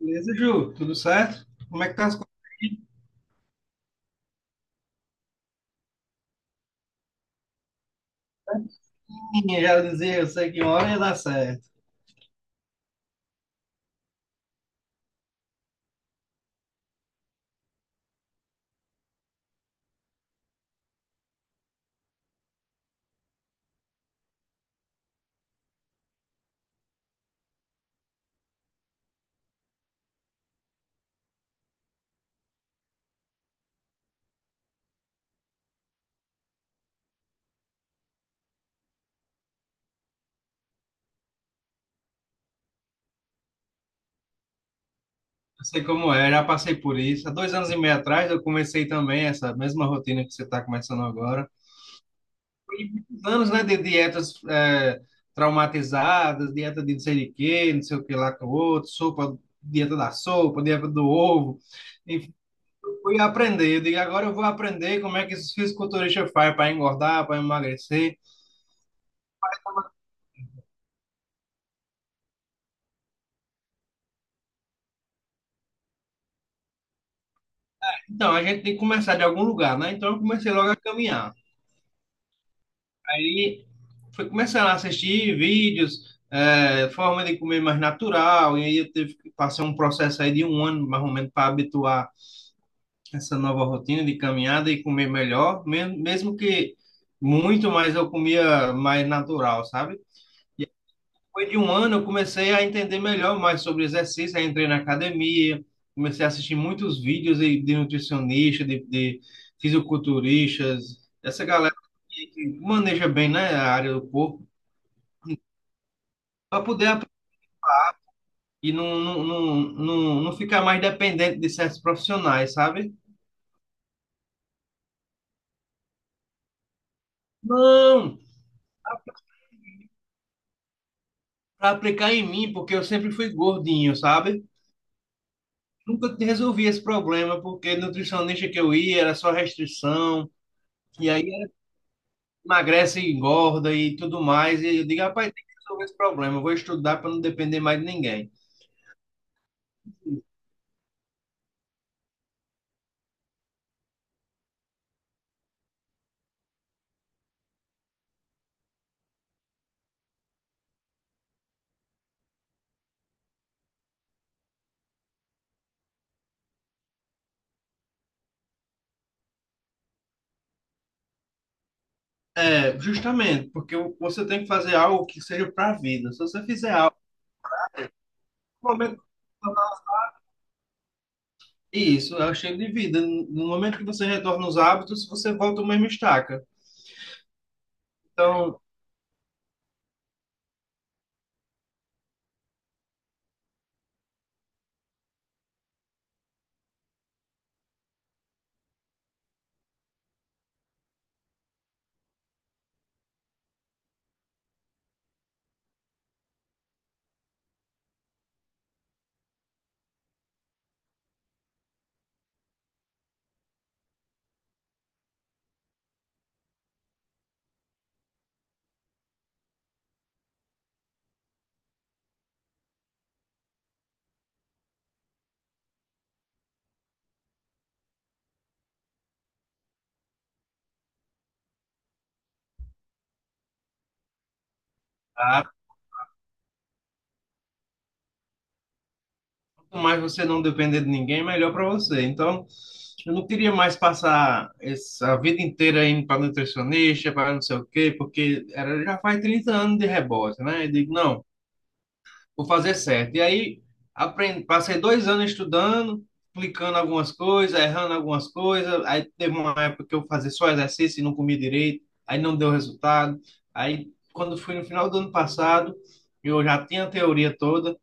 Beleza, Ju? Tudo certo? Como é que tá as coisas aí? Ih, já dizia, eu sei que uma hora ia dar certo. Eu sei como é, já passei por isso. Há 2 anos e meio atrás eu comecei também essa mesma rotina que você está começando agora. Anos, né, de dietas traumatizadas, dieta de não sei de quê, não sei o que lá com o outro, sopa, dieta da sopa, dieta do ovo. Enfim, eu fui aprender. Eu digo, agora eu vou aprender como é que esses fisiculturistas fazem para engordar, para emagrecer. Então, a gente tem que começar de algum lugar, né? Então eu comecei logo a caminhar. Aí foi começando a assistir vídeos, forma de comer mais natural, e aí eu tive que passar um processo aí de um ano, mais ou menos, para habituar essa nova rotina de caminhada e comer melhor, mesmo, mesmo que muito mais eu comia mais natural, sabe? Depois de um ano, eu comecei a entender melhor mais sobre exercício. Aí entrei na academia, comecei a assistir muitos vídeos de nutricionista, de fisiculturistas, essa galera que maneja bem, né, a área do corpo, para poder aprender e não, não, não, não, não ficar mais dependente de certos profissionais, sabe? Não, para aplicar em mim, porque eu sempre fui gordinho, sabe? Nunca resolvi esse problema, porque nutricionista que eu ia era só restrição, e aí emagrece e engorda e tudo mais. E eu digo, rapaz, tem que resolver esse problema. Eu vou estudar para não depender mais de ninguém. É, justamente, porque você tem que fazer algo que seja para a vida. Se você fizer algo, no momento isso, é o estilo de vida. No momento que você retorna os hábitos, você volta ao mesmo estaca. Então, ah, quanto mais você não depender de ninguém, melhor para você. Então, eu não queria mais passar essa vida inteira indo para nutricionista, para não sei o quê, porque era, já faz 30 anos de rebote, né? Eu digo, não, vou fazer certo. E aí aprendi, passei 2 anos estudando, aplicando algumas coisas, errando algumas coisas. Aí teve uma época que eu fazia só exercício e não comia direito, aí não deu resultado. Aí quando fui no final do ano passado, eu já tinha a teoria toda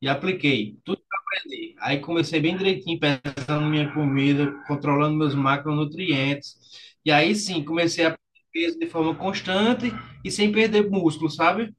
e apliquei tudo que eu aprendi. Aí comecei bem direitinho, pesando minha comida, controlando meus macronutrientes. E aí sim, comecei a perder peso de forma constante e sem perder músculo, sabe?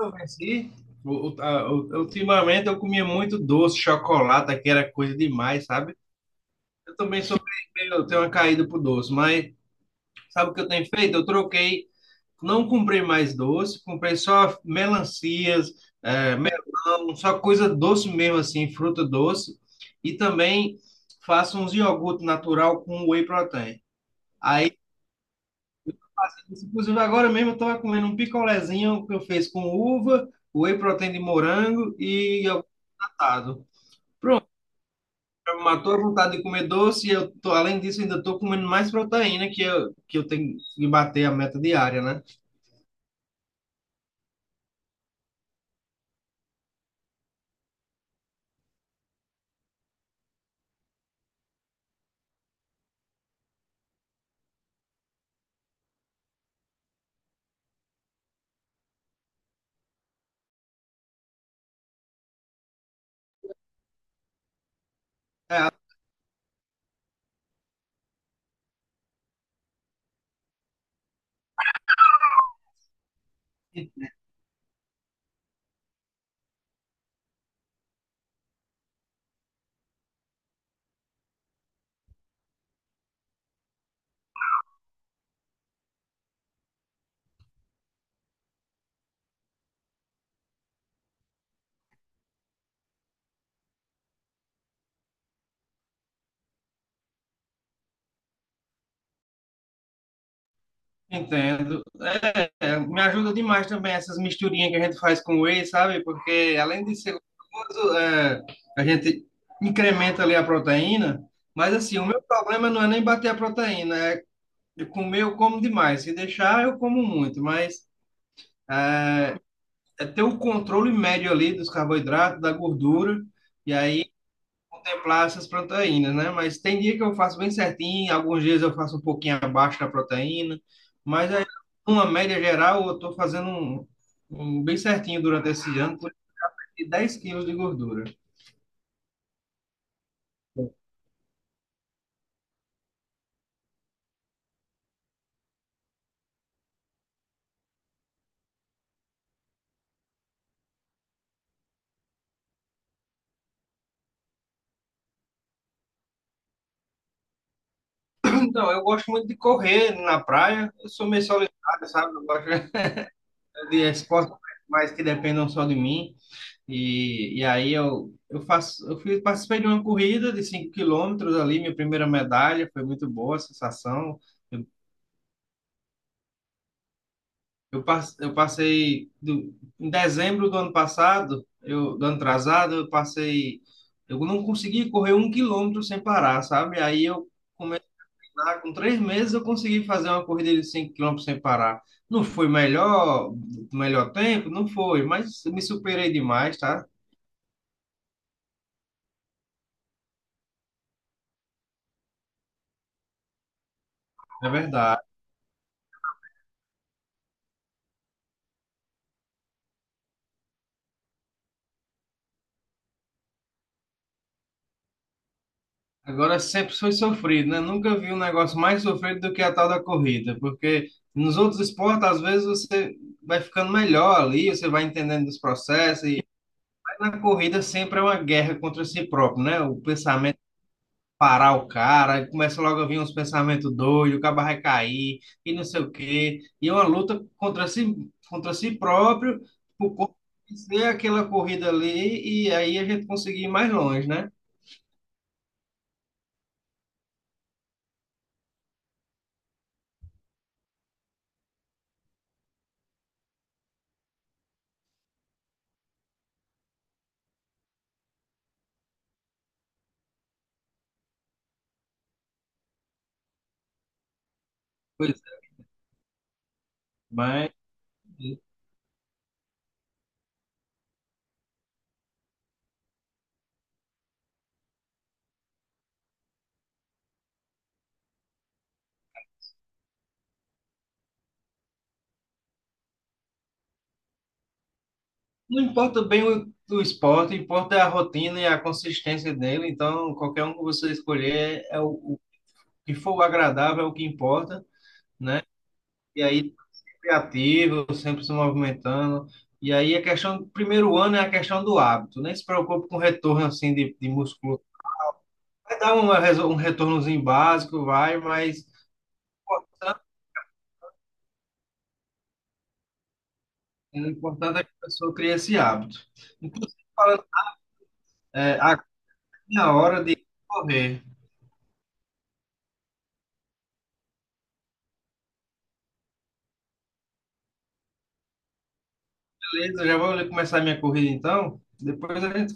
Eu venci. Ultimamente eu comia muito doce, chocolate, que era coisa demais, sabe? Eu também sou meio, eu tenho uma caída pro doce, mas sabe o que eu tenho feito? Eu troquei, não comprei mais doce, comprei só melancias, melão, só coisa doce mesmo assim, fruta doce, e também faço uns iogurte natural com whey protein. Inclusive agora mesmo eu estava comendo um picolézinho que eu fiz com uva, whey protein de morango e iogurtado. Pronto, eu matou a vontade de comer doce e eu tô, além disso, ainda tô comendo mais proteína que eu tenho que bater a meta diária, né? É, entendo. É, me ajuda demais também essas misturinhas que a gente faz com whey, sabe? Porque além de ser gostoso, a gente incrementa ali a proteína, mas assim, o meu problema não é nem bater a proteína, é de comer eu como demais. Se deixar, eu como muito, mas é ter o controle médio ali dos carboidratos, da gordura, e aí contemplar essas proteínas, né? Mas tem dia que eu faço bem certinho, alguns dias eu faço um pouquinho abaixo da proteína, mas aí, numa média geral, eu estou fazendo um bem certinho durante esse ano, por aí de 10 quilos de gordura. Então, eu gosto muito de correr na praia, eu sou meio solitário, sabe? Eu gosto de esportes mais que dependam só de mim, e aí eu faço, eu fiz, participei de uma corrida de 5 quilômetros ali, minha primeira medalha, foi muito boa a sensação. Eu passei em dezembro do ano passado, eu, do ano atrasado, eu passei. Eu não consegui correr 1 quilômetro sem parar, sabe? Aí eu comecei lá, com 3 meses, eu consegui fazer uma corrida de 5 quilômetros sem parar. Não foi melhor tempo? Não foi, mas eu me superei demais, tá? É verdade. Agora sempre foi sofrido, né? Nunca vi um negócio mais sofrido do que a tal da corrida, porque nos outros esportes, às vezes, você vai ficando melhor ali, você vai entendendo os processos, mas na corrida sempre é uma guerra contra si próprio, né? O pensamento parar o cara, aí começa logo a vir uns pensamentos doidos, o cara vai cair, e não sei o quê, e é uma luta contra si próprio, por corpo vencer aquela corrida ali, e aí a gente conseguir ir mais longe, né? Pois é, mas. Não importa bem o esporte, importa a rotina e a consistência dele. Então, qualquer um que você escolher, é o que for o agradável, é o que importa, né? E aí, criativo, sempre se movimentando. E aí, a questão do primeiro ano é a questão do hábito. Nem se preocupe com retorno assim de músculo. Vai dar um retornozinho básico, vai, mas o importante, o importante é que a pessoa crie esse hábito. Inclusive, falando, é, a, a hora de correr. Beleza, já vou começar a minha corrida então. Depois a gente.